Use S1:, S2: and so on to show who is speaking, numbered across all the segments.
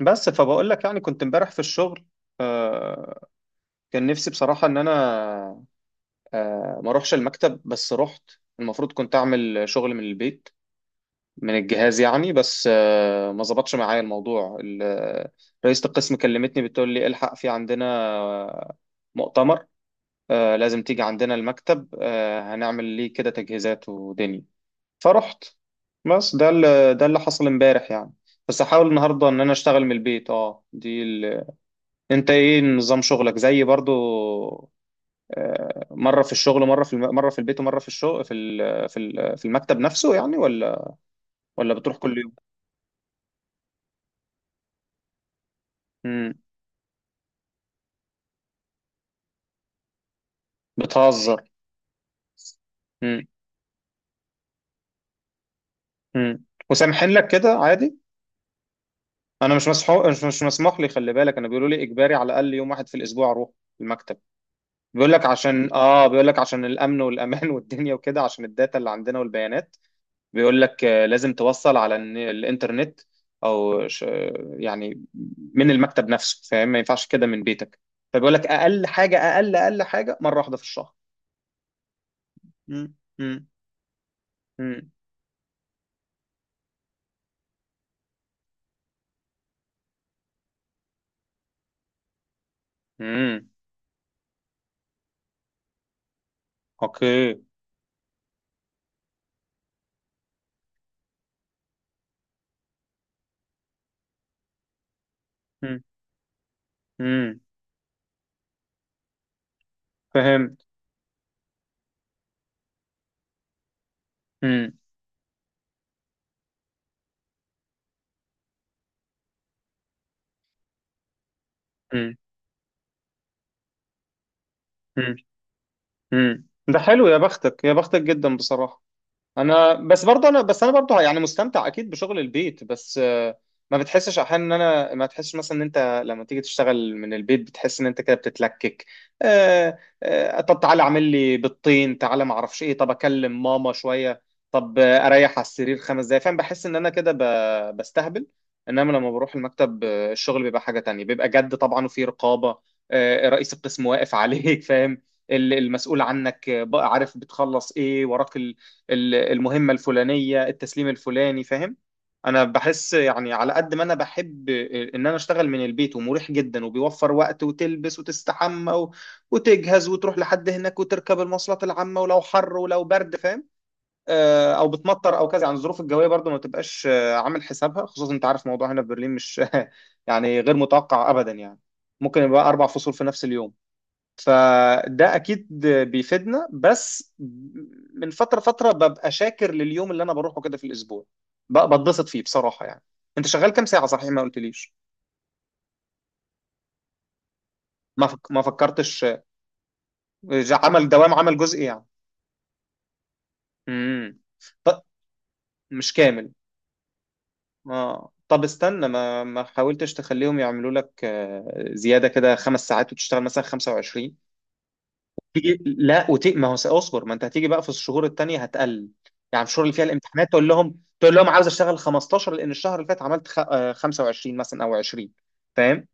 S1: بس فبقول لك يعني كنت امبارح في الشغل. آه، كان نفسي بصراحة ان انا ما اروحش المكتب. بس رحت. المفروض كنت اعمل شغل من البيت من الجهاز يعني، بس ما ظبطش معايا الموضوع. رئيسة القسم كلمتني بتقول لي الحق في عندنا آه، مؤتمر. لازم تيجي عندنا المكتب. هنعمل ليه كده تجهيزات ودنيا. فرحت. بس ده اللي حصل امبارح يعني. بس احاول النهارده ان انا اشتغل من البيت. اه دي. انت ايه نظام شغلك زي برضو؟ مره في الشغل، مره مره في البيت ومره في الشغل في المكتب نفسه يعني، ولا ولا بتروح كل يوم؟ امم. بتهزر. امم. امم. وسامحين لك كده عادي؟ انا مش مسحو... مش مش مسموح لي. خلي بالك، انا بيقولوا لي اجباري على الاقل يوم واحد في الاسبوع اروح المكتب. بيقول لك عشان اه، بيقول لك عشان الامن والامان والدنيا وكده عشان الداتا اللي عندنا والبيانات. بيقول لك لازم توصل على الانترنت او يعني من المكتب نفسه. فاهم؟ ما ينفعش كده من بيتك. فبيقول لك اقل حاجه، اقل حاجه، مره واحده في الشهر. مم، مم، مم، مم. اوكي. مم، مم. فهمت. مم، مم، مم، مم. ده حلو. يا بختك جدا بصراحه. انا بس برضه، انا بس انا برضه يعني مستمتع اكيد بشغل البيت، بس ما بتحسش احيانا ان انا، ما تحسش مثلا ان انت لما تيجي تشتغل من البيت بتحس ان انت كده بتتلكك؟ طب تعالى اعمل لي بيضتين، تعالى ما اعرفش ايه، طب اكلم ماما شويه، طب اريح على السرير خمس دقايق. فاهم؟ بحس ان انا كده بستهبل. انما لما بروح المكتب الشغل بيبقى حاجه تانية. بيبقى جد طبعا وفي رقابه. رئيس القسم واقف عليك فاهم؟ المسؤول عنك بقى عارف بتخلص ايه وراك. المهمة الفلانية، التسليم الفلاني. فاهم؟ انا بحس يعني على قد ما انا بحب ان انا اشتغل من البيت ومريح جدا وبيوفر وقت، وتلبس وتستحمى و... وتجهز وتروح لحد هناك وتركب المواصلات العامة، ولو حر ولو برد. فاهم؟ او بتمطر او كذا، يعني الظروف الجوية برضو ما تبقاش عامل حسابها، خصوصا انت عارف موضوع هنا في برلين مش يعني غير متوقع ابدا يعني. ممكن يبقى اربع فصول في نفس اليوم. فده اكيد بيفيدنا. بس من فتره فتره ببقى شاكر لليوم اللي انا بروحه كده في الاسبوع. بتبسط فيه بصراحه يعني. انت شغال كام ساعه صحيح؟ ما قلتليش. ما فكرتش. إذا عمل دوام، عمل جزئي يعني. امم. طب مش كامل. اه طب استنى، ما ما حاولتش تخليهم يعملوا لك زياده كده خمس ساعات وتشتغل مثلا 25؟ تيجي لا ما هو اصبر، ما انت هتيجي بقى في الشهور التانية هتقل. يعني في الشهور اللي فيها الامتحانات تقول لهم، تقول لهم عاوز اشتغل 15 لان الشهر اللي فات عملت خ... آه، 25 مثلا او 20. فاهم؟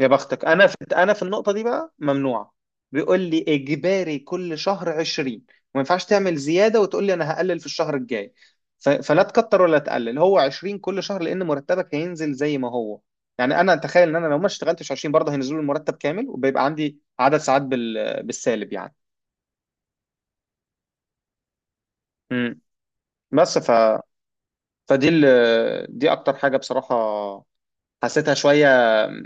S1: يا بختك. انا في، انا في النقطة دي بقى ممنوعة. بيقول لي اجباري كل شهر 20 وما ينفعش تعمل زيادة وتقول لي انا هقلل في الشهر الجاي. فلا تكتر ولا تقلل. هو 20 كل شهر لان مرتبك هينزل زي ما هو يعني. انا اتخيل ان انا لو ما اشتغلتش 20 برضه هينزلوا المرتب كامل وبيبقى عندي عدد ساعات بالسالب يعني. مم. بس ف، فدي دي اكتر حاجه بصراحه حسيتها شويه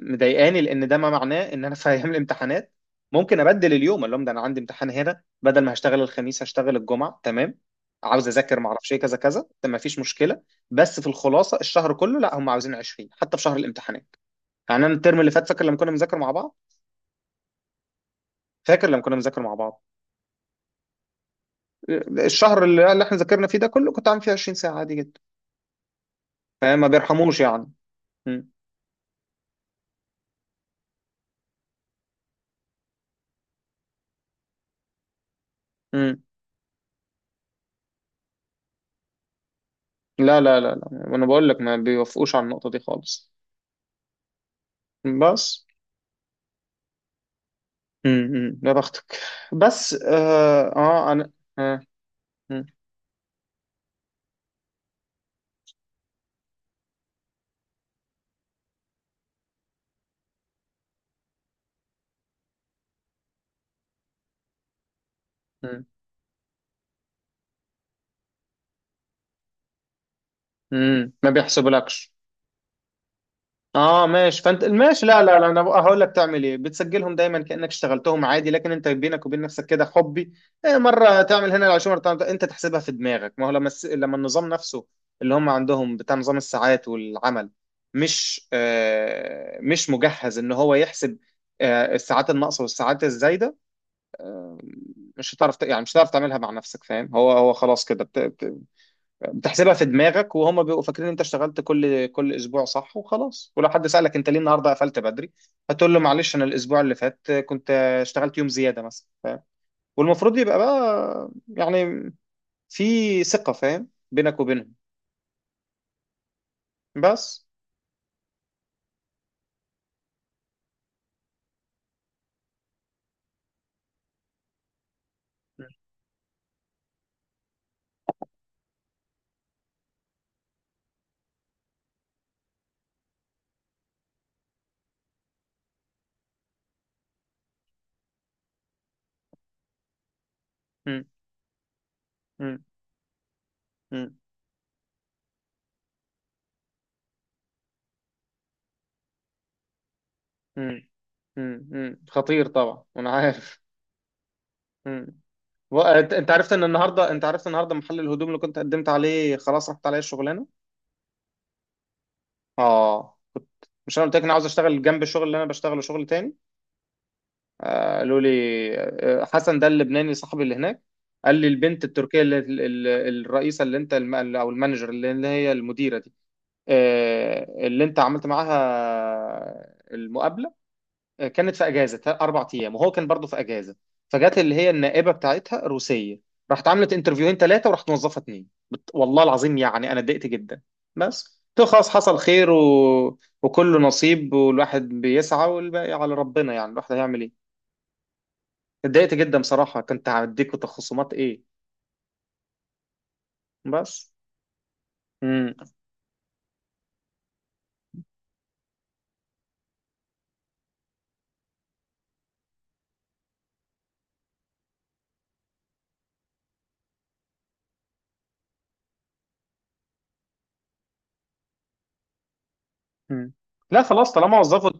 S1: مضايقاني. لان ده ما معناه ان انا في ايام الامتحانات ممكن ابدل اليوم اللي هم ده، انا عندي امتحان هنا. بدل ما هشتغل الخميس هشتغل الجمعه. تمام، عاوز اذاكر ما اعرفش ايه كذا كذا، ده ما فيش مشكله. بس في الخلاصه الشهر كله لا، هم عاوزين 20 حتى في شهر الامتحانات يعني. انا الترم اللي فات فاكر لما كنا بنذاكر مع بعض. فاكر لما كنا بنذاكر مع بعض الشهر اللي احنا ذاكرنا فيه ده كله كنت عامل فيه 20 ساعه عادي جدا. فما بيرحموش يعني. مم. مم. لا لا لا لا، انا بقول لك ما بيوافقوش على النقطة دي خالص. بس امم، يا بختك. بس اه, آه انا، آه. مم. مم. مم. ما بيحسبولكش. اه ماشي، فانت ماشي. لا لا لا، انا بقى هقول لك تعمل ايه. بتسجلهم دايما كانك اشتغلتهم عادي، لكن انت بينك وبين نفسك كده حبي إيه. مره تعمل هنا العشوه، مره تعمل انت تحسبها في دماغك. ما هو لما لما النظام نفسه اللي هم عندهم، بتاع نظام الساعات والعمل، مش آه مش مجهز ان هو يحسب آه الساعات الناقصه والساعات الزايده. مش هتعرف يعني مش هتعرف تعملها مع نفسك. فاهم؟ هو هو خلاص كده بتحسبها في دماغك وهم بيبقوا فاكرين انت اشتغلت كل اسبوع صح وخلاص. ولو حد سألك انت ليه النهارده قفلت بدري، هتقول له معلش، انا الاسبوع اللي فات كنت اشتغلت يوم زيادة مثلا. والمفروض يبقى بقى يعني في ثقة، فاهم، بينك وبينهم. بس. مم. مم. مم. مم. مم. مم. خطير طبعا وانا عارف. مم. انت، أنت عرفت ان النهارده، انت عرفت النهارده محل الهدوم اللي كنت قدمت عليه خلاص رحت عليه الشغلانة. اه كنت، مش انا قلت لك انا عاوز اشتغل جنب الشغل اللي انا بشتغله شغل تاني. قالوا لي حسن ده اللبناني صاحبي اللي هناك قال لي البنت التركيه اللي الرئيسه اللي انت او المانجر اللي اللي هي المديره دي اللي انت عملت معاها المقابله، كانت في اجازه اربع ايام، وهو كان برضه في اجازه. فجت اللي هي النائبه بتاعتها روسيه، راحت عملت انترفيوهين ثلاثه وراحت موظفه اتنين والله العظيم يعني انا اتضايقت جدا. بس تو خلاص حصل خير، و... وكله نصيب والواحد بيسعى والباقي على ربنا، يعني الواحد هيعمل ايه. اتضايقت جدا بصراحه، كنت هديكوا تخصصات ايه. بس. مم. مم. لا خلاص طالما وظفوا.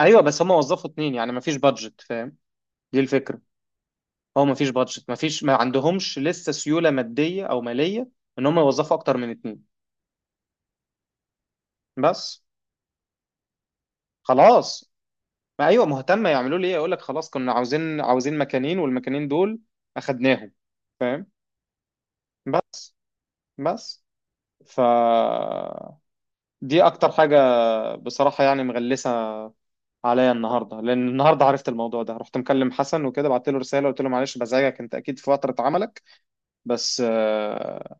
S1: ايوه بس هم وظفوا اتنين يعني مفيش بادجت. فاهم؟ دي الفكره. هو مفيش بادجت، مفيش، ما عندهمش لسه سيوله ماديه او ماليه ان هم يوظفوا اكتر من اتنين. بس خلاص. ما ايوه مهتمه، يعملوا لي ايه؟ اقول لك خلاص كنا عاوزين، مكانين والمكانين دول اخدناهم. فاهم؟ بس. بس. ف، دي اكتر حاجه بصراحه يعني مغلسه عليا النهارده. لان النهارده عرفت الموضوع ده، رحت مكلم حسن وكده بعت له رساله قلت له معلش بزعجك انت اكيد في فتره عملك، بس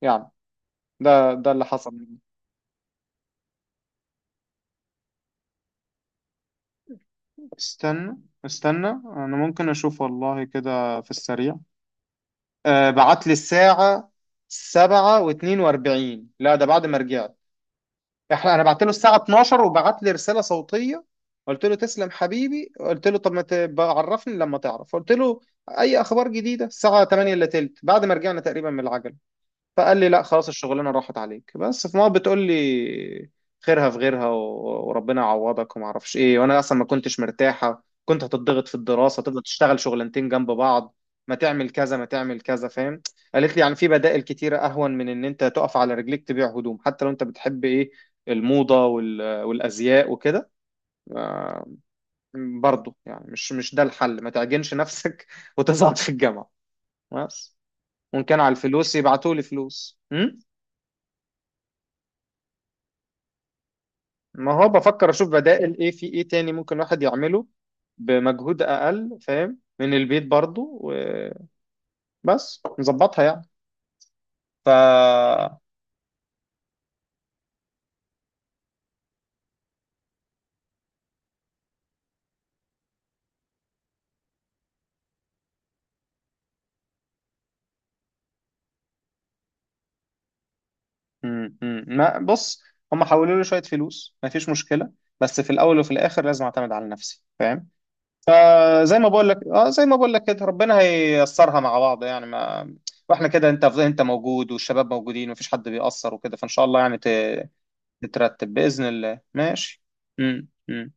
S1: يعني ده اللي حصل. استنى استنى، انا ممكن اشوف والله كده في السريع. آه بعت لي الساعة سبعة واتنين واربعين. لا ده بعد ما رجعت. احنا انا بعت له الساعة 12 وبعت لي رسالة صوتية. قلت له تسلم حبيبي، قلت له طب ما تبقى عرفني لما تعرف. قلت له اي اخبار جديدة الساعة 8 الا تلت بعد ما رجعنا تقريبا من العجل. فقال لي لا خلاص الشغلانه راحت عليك، بس في مرة، بتقول لي خيرها في غيرها وربنا يعوضك وما اعرفش ايه. وانا اصلا ما كنتش مرتاحه، كنت هتضغط في الدراسه، تفضل تشتغل شغلانتين جنب بعض، ما تعمل كذا، ما تعمل كذا، فاهم. قالت لي يعني في بدائل كتيره اهون من ان انت تقف على رجليك تبيع هدوم، حتى لو انت بتحب ايه الموضه والازياء وكده، برضه يعني مش مش ده الحل. ما تعجنش نفسك وتزعط في الجامعه. بس. وان كان على الفلوس يبعتوا لي فلوس. م؟ ما هو بفكر اشوف بدائل ايه، في ايه تاني ممكن الواحد يعمله بمجهود اقل. فاهم؟ من البيت برضو، وبس نظبطها يعني. ف، م- ما بص، هم حولوا لي شويه فلوس ما فيش مشكله. بس في الاول وفي الاخر لازم اعتمد على نفسي. فاهم؟ آه زي ما بقول لك، اه زي ما بقول لك كده ربنا هييسرها مع بعض يعني. ما واحنا كده، انت انت موجود والشباب موجودين ومفيش حد بيأثر وكده، فان شاء الله يعني تترتب بإذن الله. ماشي. م.